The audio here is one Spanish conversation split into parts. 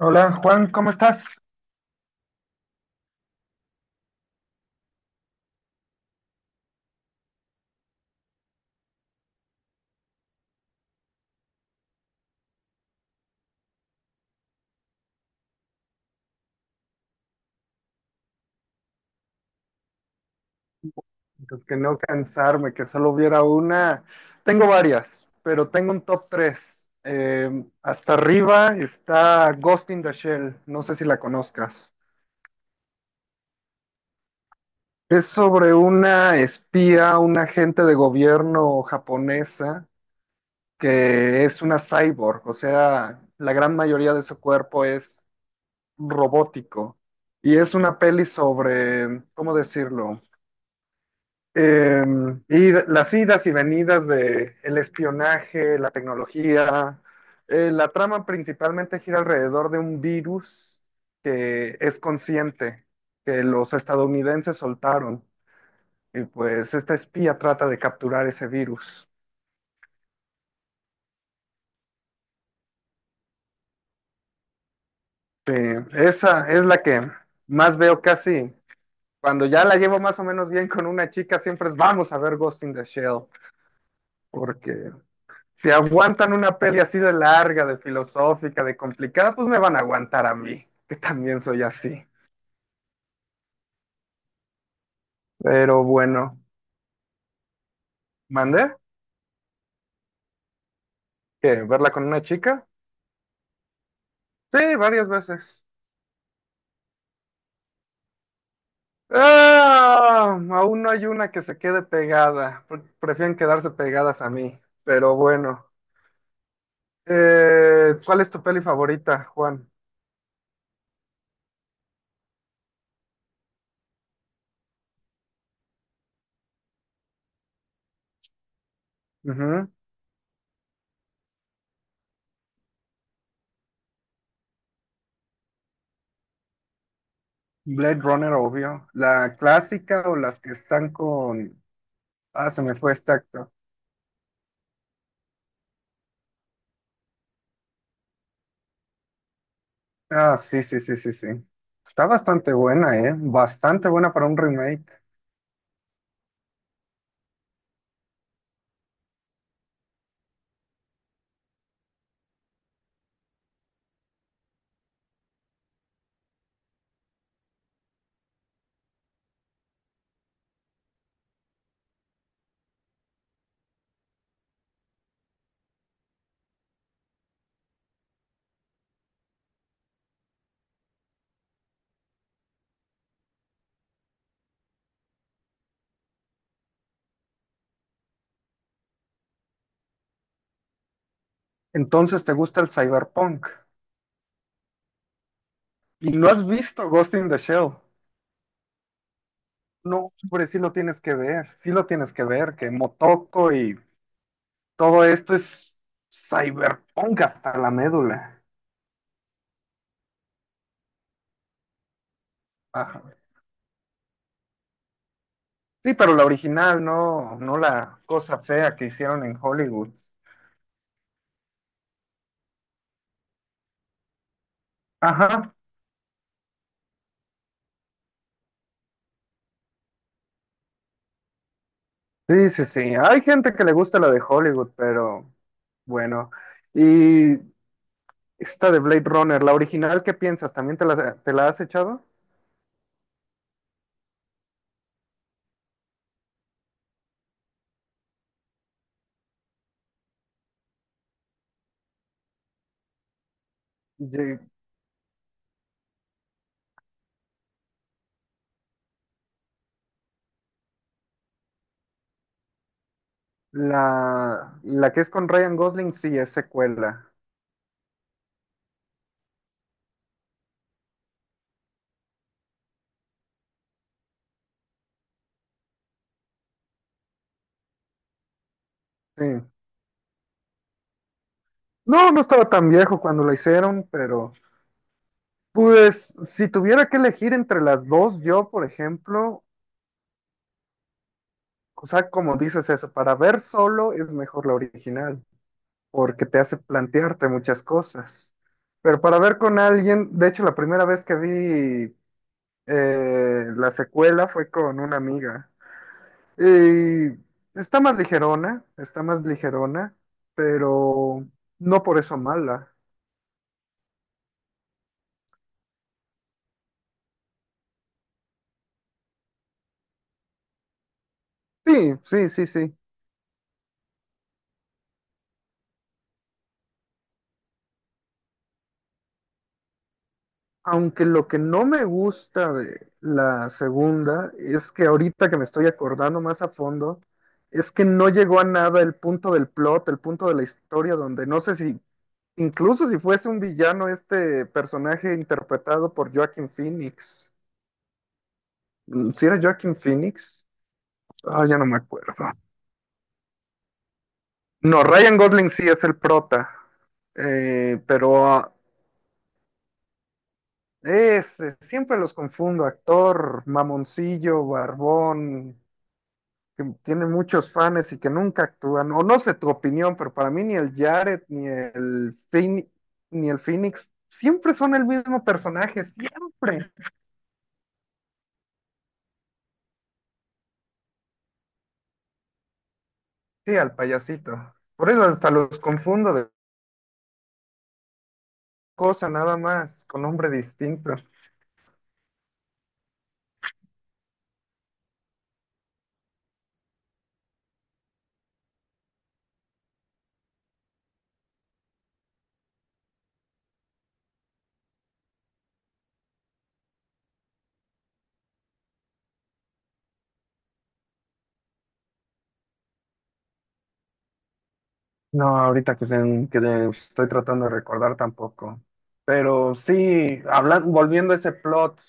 Hola Juan, ¿cómo estás? Pues que no cansarme, que solo hubiera una. Tengo varias, pero tengo un top 3. Hasta arriba está Ghost in the Shell, no sé si la conozcas. Es sobre una espía, una agente de gobierno japonesa que es una cyborg, o sea, la gran mayoría de su cuerpo es robótico. Y es una peli sobre, ¿cómo decirlo? Eh, y las idas y venidas de el espionaje, la tecnología. La trama principalmente gira alrededor de un virus que es consciente, que los estadounidenses soltaron. Y pues esta espía trata de capturar ese virus. Sí, esa es la que más veo casi. Cuando ya la llevo más o menos bien con una chica, siempre es vamos a ver Ghost in the Shell, porque si aguantan una peli así de larga, de filosófica, de complicada, pues me van a aguantar a mí, que también soy así. Pero bueno, ¿mandé? ¿Qué? ¿Verla con una chica? Sí, varias veces. ¡Ah! Aún no hay una que se quede pegada. Prefieren quedarse pegadas a mí. Pero bueno. ¿Cuál es tu peli favorita, Juan? Ujú. Blade Runner, obvio. ¿La clásica o las que están con... Ah, se me fue esta. Ah, sí, sí, sí, sí, sí. Está bastante buena, ¿eh? Bastante buena para un remake. Entonces, ¿te gusta el cyberpunk? ¿Y no has visto Ghost in the Shell? No, hombre, sí lo tienes que ver, sí lo tienes que ver, que Motoko y todo esto es cyberpunk hasta la médula. Ajá. Sí, pero la original, no, no la cosa fea que hicieron en Hollywood. Ajá, sí, sí, sí. Hay gente que le gusta la de Hollywood, pero bueno. Y esta de Blade Runner, la original, ¿qué piensas? ¿También te la has echado? Ye- La, la que es con Ryan Gosling, sí, es secuela. Sí. No, no estaba tan viejo cuando la hicieron, pero pues si tuviera que elegir entre las dos, yo, por ejemplo, o sea, como dices eso, para ver solo es mejor la original, porque te hace plantearte muchas cosas. Pero para ver con alguien, de hecho, la primera vez que vi la secuela fue con una amiga. Eh, Está más ligerona, está más ligerona, pero no por eso mala. Sí, sí, sí, sí. Aunque lo que no me gusta de la segunda es que ahorita que me estoy acordando más a fondo, es que no llegó a nada el punto del plot, el punto de la historia, donde no sé si, incluso si fuese un villano este personaje interpretado por Joaquin Phoenix. ¿Si era Joaquin Phoenix? Ah, ya no me acuerdo. No, Ryan Gosling sí es el prota, pero es, siempre los confundo, actor, mamoncillo, barbón, que tiene muchos fans y que nunca actúan, o no sé tu opinión, pero para mí ni el Jared, ni el Phoenix, siempre son el mismo personaje, siempre, sí, al payasito. Por eso hasta los confundo de cosa, nada más, con nombre distinto. No, ahorita que estoy tratando de recordar tampoco. Pero sí, volviendo a ese plot,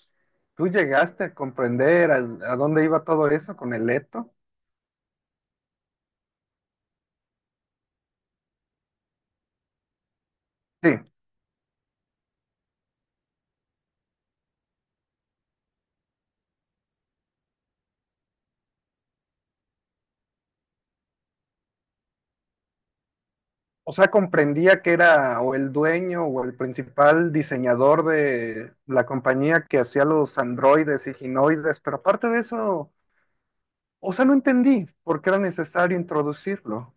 ¿tú llegaste a comprender a dónde iba todo eso con el Leto? Sí, o sea, comprendía que era o el dueño o el principal diseñador de la compañía que hacía los androides y ginoides, pero aparte de eso, o sea, no entendí por qué era necesario introducirlo.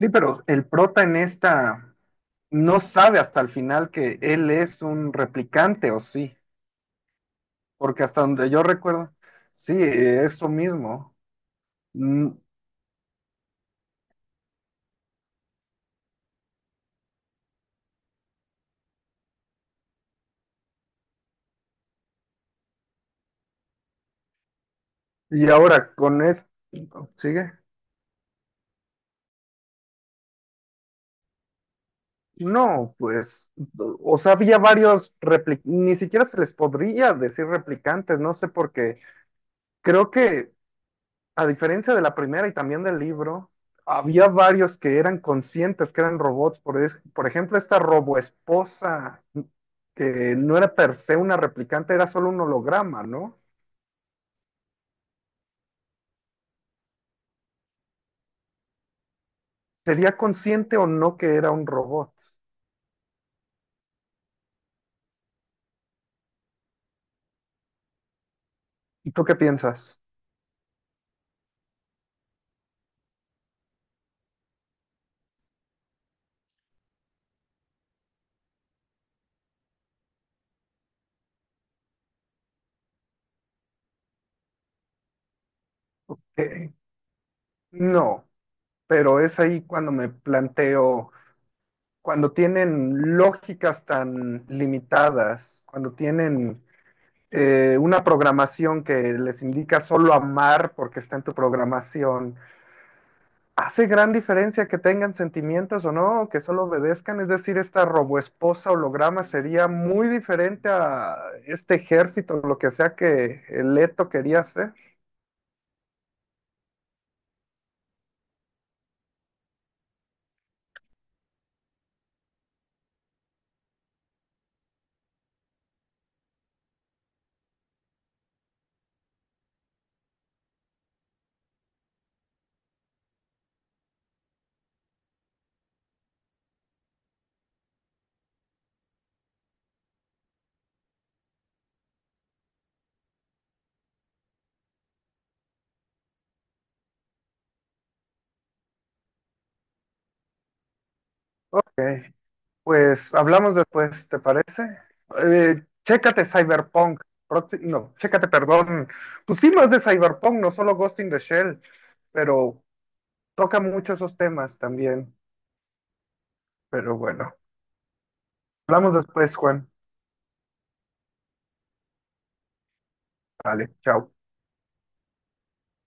Sí, pero el prota en esta no sabe hasta el final que él es un replicante, o sí, porque hasta donde yo recuerdo, sí, eso mismo. Mm, y ahora con esto, ¿sigue? No, pues, o sea, había varios replicantes, ni siquiera se les podría decir replicantes, no sé por qué. Creo que a diferencia de la primera y también del libro, había varios que eran conscientes que eran robots. Por ejemplo, esta roboesposa, que no era per se una replicante, era solo un holograma, ¿no? ¿Sería consciente o no que era un robot? ¿Y tú qué piensas? Eh, no, pero es ahí cuando me planteo, cuando tienen lógicas tan limitadas, cuando tienen una programación que les indica solo amar porque está en tu programación, ¿hace gran diferencia que tengan sentimientos o no? Que solo obedezcan, es decir, esta roboesposa holograma sería muy diferente a este ejército, lo que sea que Leto quería hacer. Ok, pues hablamos después, ¿te parece? Chécate Cyberpunk. No, chécate, perdón. Pues sí, más de Cyberpunk, no solo Ghost in the Shell, pero toca mucho esos temas también. Pero bueno, hablamos después, Juan. Vale, chao.